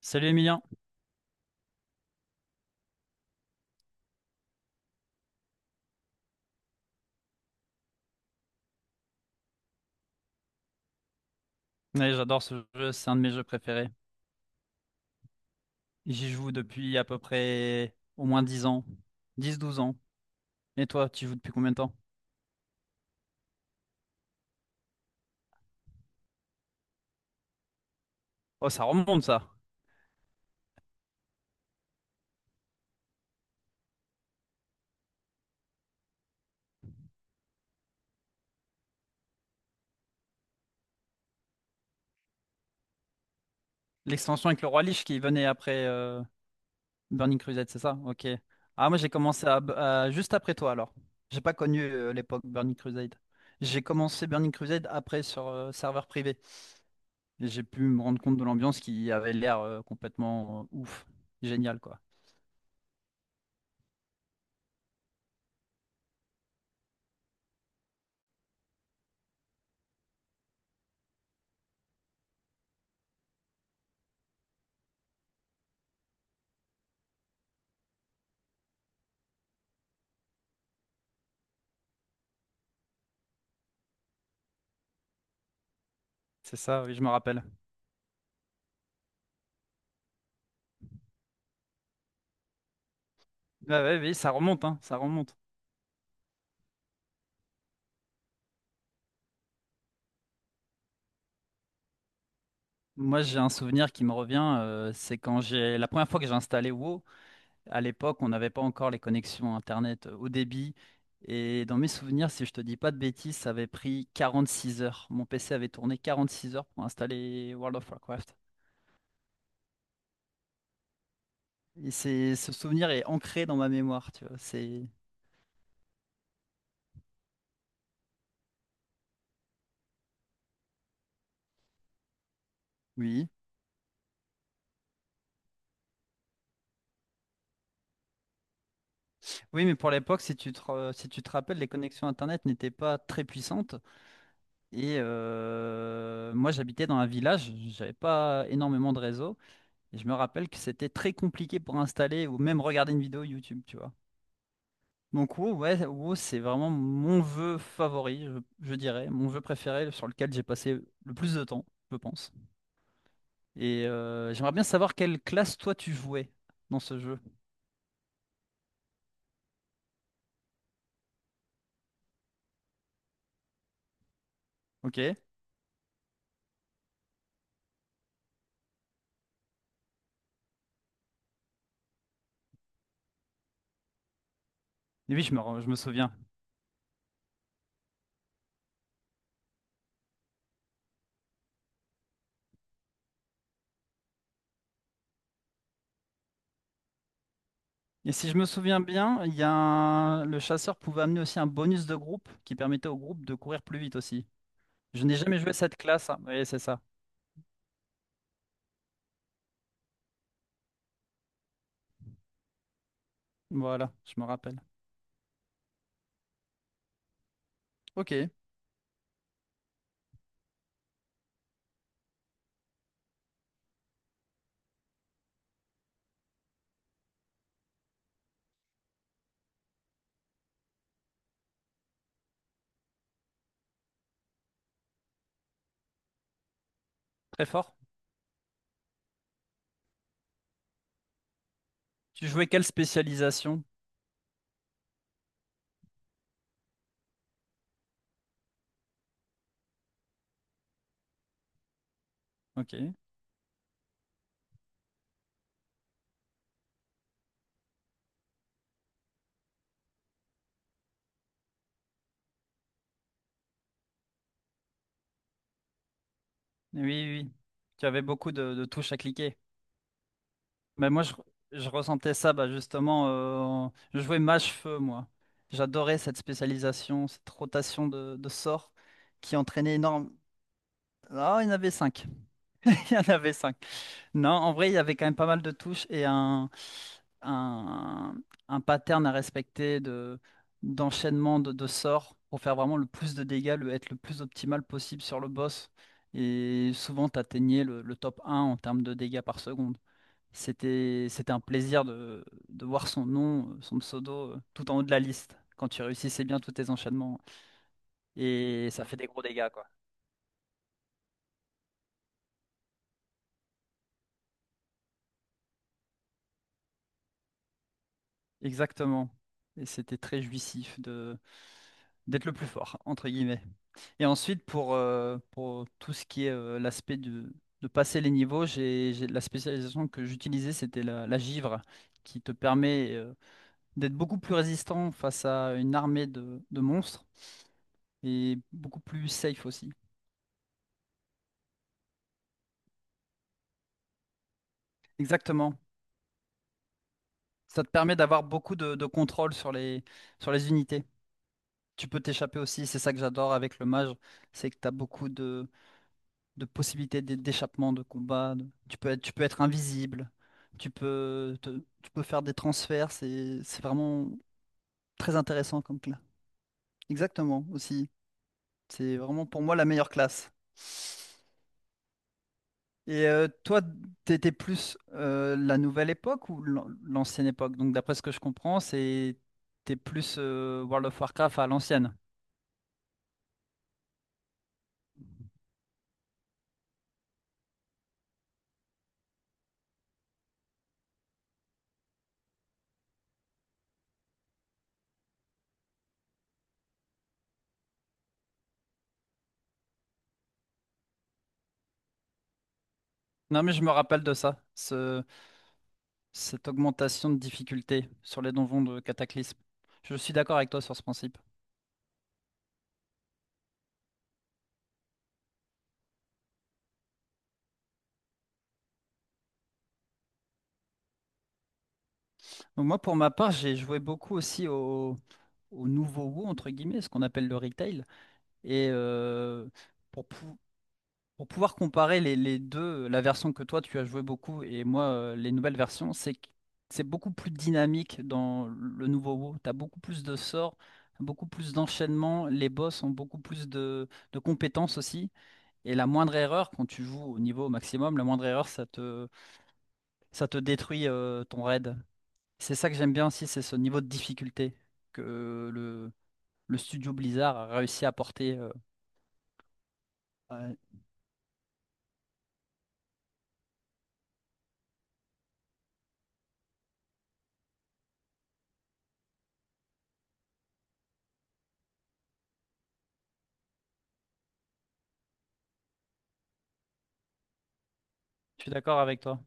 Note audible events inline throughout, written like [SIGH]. Salut Emilien. Ouais, j'adore ce jeu, c'est un de mes jeux préférés. J'y joue depuis à peu près au moins 10 ans, 10 12 ans. Et toi, tu y joues depuis combien de temps? Oh, ça remonte ça. L'extension avec le roi Lich qui venait après Burning Crusade, c'est ça? Ok. Ah, moi j'ai commencé juste après toi alors. J'ai pas connu l'époque Burning Crusade. J'ai commencé Burning Crusade après sur serveur privé. Et j'ai pu me rendre compte de l'ambiance qui avait l'air complètement ouf, génial quoi. C'est ça, oui, je me rappelle. Ah ouais, oui, ça remonte, hein, ça remonte. Moi, j'ai un souvenir qui me revient, c'est quand j'ai la première fois que j'ai installé WoW. À l'époque, on n'avait pas encore les connexions Internet haut débit. Et dans mes souvenirs, si je te dis pas de bêtises, ça avait pris 46 heures. Mon PC avait tourné 46 heures pour installer World of Warcraft. Et c'est ce souvenir est ancré dans ma mémoire, tu vois. C'est oui, oui, mais pour l'époque, si tu te rappelles, les connexions Internet n'étaient pas très puissantes. Et moi, j'habitais dans un village, j'avais pas énormément de réseau. Et je me rappelle que c'était très compliqué pour installer ou même regarder une vidéo YouTube, tu vois. Donc WoW, ouais, WoW, c'est vraiment mon vœu favori, je dirais, mon vœu préféré sur lequel j'ai passé le plus de temps, je pense. Et j'aimerais bien savoir quelle classe toi tu jouais dans ce jeu. Ok? Et oui, je me souviens. Et si je me souviens bien, il y a un- le chasseur pouvait amener aussi un bonus de groupe qui permettait au groupe de courir plus vite aussi. Je n'ai jamais joué cette classe, hein. Oui, c'est ça. Voilà, je me rappelle. Ok, très fort. Tu jouais quelle spécialisation? Ok. Oui, oui, oui. Tu avais beaucoup de touches à cliquer. Mais je ressentais ça, bah, justement. Je jouais mage-feu, moi. J'adorais cette spécialisation, cette rotation de sorts qui entraînait énorme. Ah, il y en avait cinq. [LAUGHS] Il y en avait cinq. Non, en vrai, il y avait quand même pas mal de touches et un, un pattern à respecter de, d'enchaînement de sorts pour faire vraiment le plus de dégâts, être le plus optimal possible sur le boss. Et souvent, tu atteignais le top un en termes de dégâts par seconde. C'était un plaisir de voir son nom, son pseudo, tout en haut de la liste quand tu réussissais bien tous tes enchaînements. Et ça fait des gros dégâts, quoi. Exactement. Et c'était très jouissif de d'être le plus fort, entre guillemets. Et ensuite, pour tout ce qui est l'aspect de passer les niveaux, la spécialisation que j'utilisais, c'était la givre, qui te permet d'être beaucoup plus résistant face à une armée de monstres et beaucoup plus safe aussi. Exactement. Ça te permet d'avoir beaucoup de contrôle sur sur les unités. Tu peux t'échapper aussi, c'est ça que j'adore avec le mage, c'est que tu as beaucoup de, d'échappement, de combat. Tu peux être invisible, tu peux, te- tu peux faire des transferts. C'est vraiment très intéressant comme classe. Exactement, aussi. C'est vraiment pour moi la meilleure classe. Et toi, t'étais plus la nouvelle époque ou l'ancienne époque? Donc d'après ce que je comprends, c'est t'es plus World of Warcraft à l'ancienne. Non mais je me rappelle de ça, cette augmentation de difficulté sur les donjons de Cataclysme. Je suis d'accord avec toi sur ce principe. Donc moi, pour ma part, j'ai joué beaucoup aussi au nouveau WoW, entre guillemets, ce qu'on appelle le retail. Et pour, pou- pour pouvoir comparer les deux, la version que toi, tu as joué beaucoup et moi, les nouvelles versions, c'est que c'est beaucoup plus dynamique dans le nouveau WoW. Tu as beaucoup plus de sorts, beaucoup plus d'enchaînements, les boss ont beaucoup plus de compétences aussi. Et la moindre erreur, quand tu joues au niveau maximum, la moindre erreur, ça te détruit ton raid. C'est ça que j'aime bien aussi, c'est ce niveau de difficulté que le, le studio Blizzard a réussi à porter. Ouais, je suis d'accord avec toi.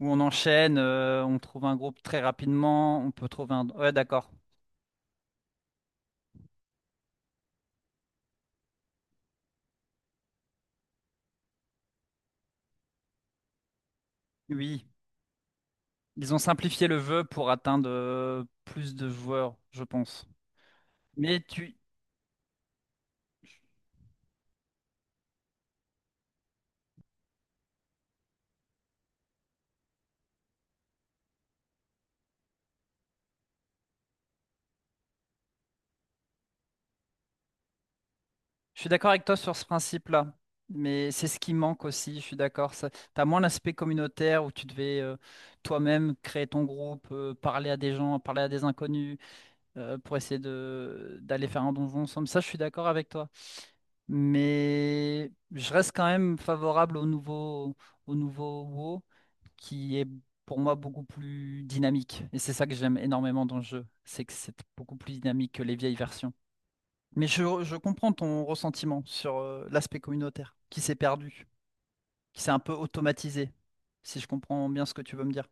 Où on enchaîne, on trouve un groupe très rapidement, on peut trouver un... Ouais, d'accord. Oui, ils ont simplifié le jeu pour atteindre plus de joueurs, je pense. Mais tu... je suis d'accord avec toi sur ce principe-là. Mais c'est ce qui manque aussi, je suis d'accord. Ça... T'as moins l'aspect communautaire où tu devais toi-même créer ton groupe, parler à des gens, parler à des inconnus, pour essayer de d'aller faire un donjon ensemble. Ça, je suis d'accord avec toi. Mais je reste quand même favorable au nouveau WoW, qui est pour moi beaucoup plus dynamique. Et c'est ça que j'aime énormément dans le jeu, c'est que c'est beaucoup plus dynamique que les vieilles versions. Mais je comprends ton ressentiment sur l'aspect communautaire, qui s'est perdu, qui s'est un peu automatisé, si je comprends bien ce que tu veux me dire.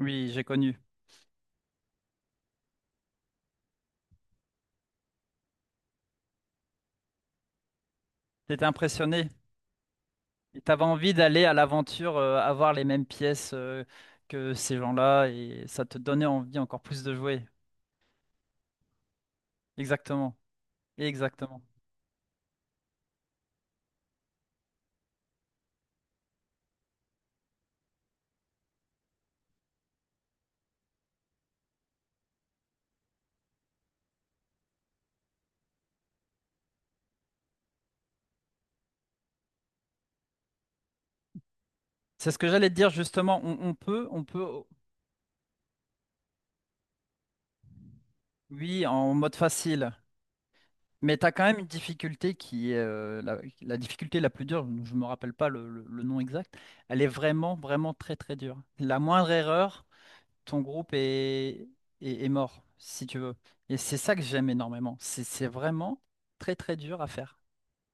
Oui, j'ai connu. T'étais impressionné. Et t'avais envie d'aller à l'aventure, avoir les mêmes pièces que ces gens-là, et ça te donnait envie encore plus de jouer. Exactement. Exactement. C'est ce que j'allais te dire justement. On peut, oui, en mode facile. Mais t'as quand même une difficulté qui est la, la difficulté la plus dure. Je me rappelle pas le nom exact. Elle est vraiment, vraiment très, très dure. La moindre erreur, ton groupe est, est, est mort, si tu veux. Et c'est ça que j'aime énormément. C'est vraiment très, très dur à faire.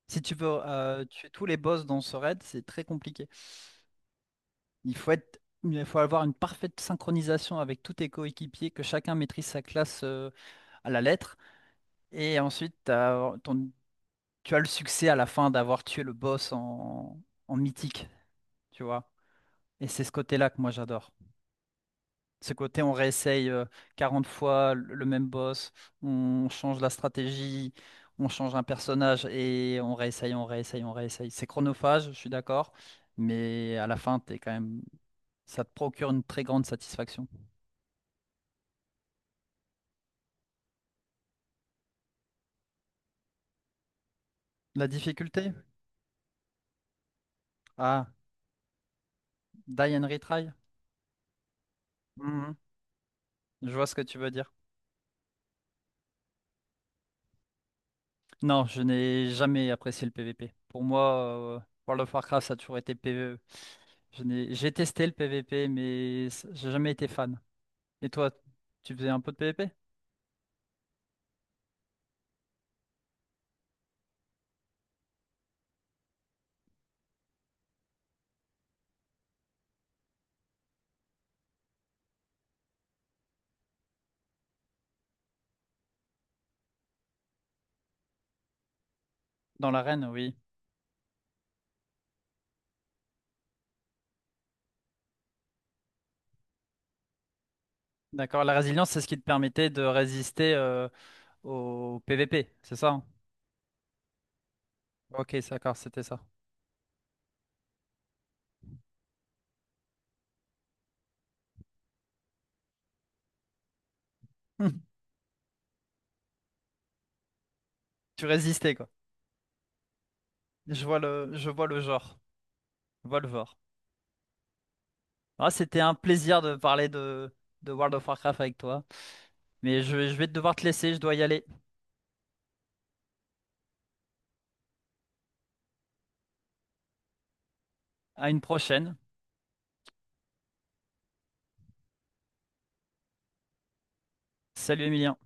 Si tu veux tuer tous les boss dans ce raid, c'est très compliqué. Il faut être, il faut avoir une parfaite synchronisation avec tous tes coéquipiers, que chacun maîtrise sa classe à la lettre. Et ensuite, tu as le succès à la fin d'avoir tué le boss en, en mythique, tu vois. Et c'est ce côté-là que moi j'adore. Ce côté, on réessaye 40 fois le même boss, on change la stratégie, on change un personnage et on réessaye, on réessaye, on réessaye. C'est chronophage, je suis d'accord, mais à la fin, t'es quand même... ça te procure une très grande satisfaction. La difficulté? Ah, die and retry? Mhm. Je vois ce que tu veux dire. Non, je n'ai jamais apprécié le PVP. Pour moi, euh, World of Warcraft, ça a toujours été PVE. Je n'ai... J'ai testé le PVP, mais j'ai jamais été fan. Et toi, tu faisais un peu de PVP? Dans l'arène, oui. D'accord. La résilience, c'est ce qui te permettait de résister au PVP, c'est ça, hein? Ok, d'accord, c'était ça. [LAUGHS] Tu résistais, quoi. Je vois le genre. Je vois le genre. Ah, c'était un plaisir de parler de World of Warcraft avec toi. Mais je vais devoir te laisser, je dois y aller. À une prochaine. Salut Emilien.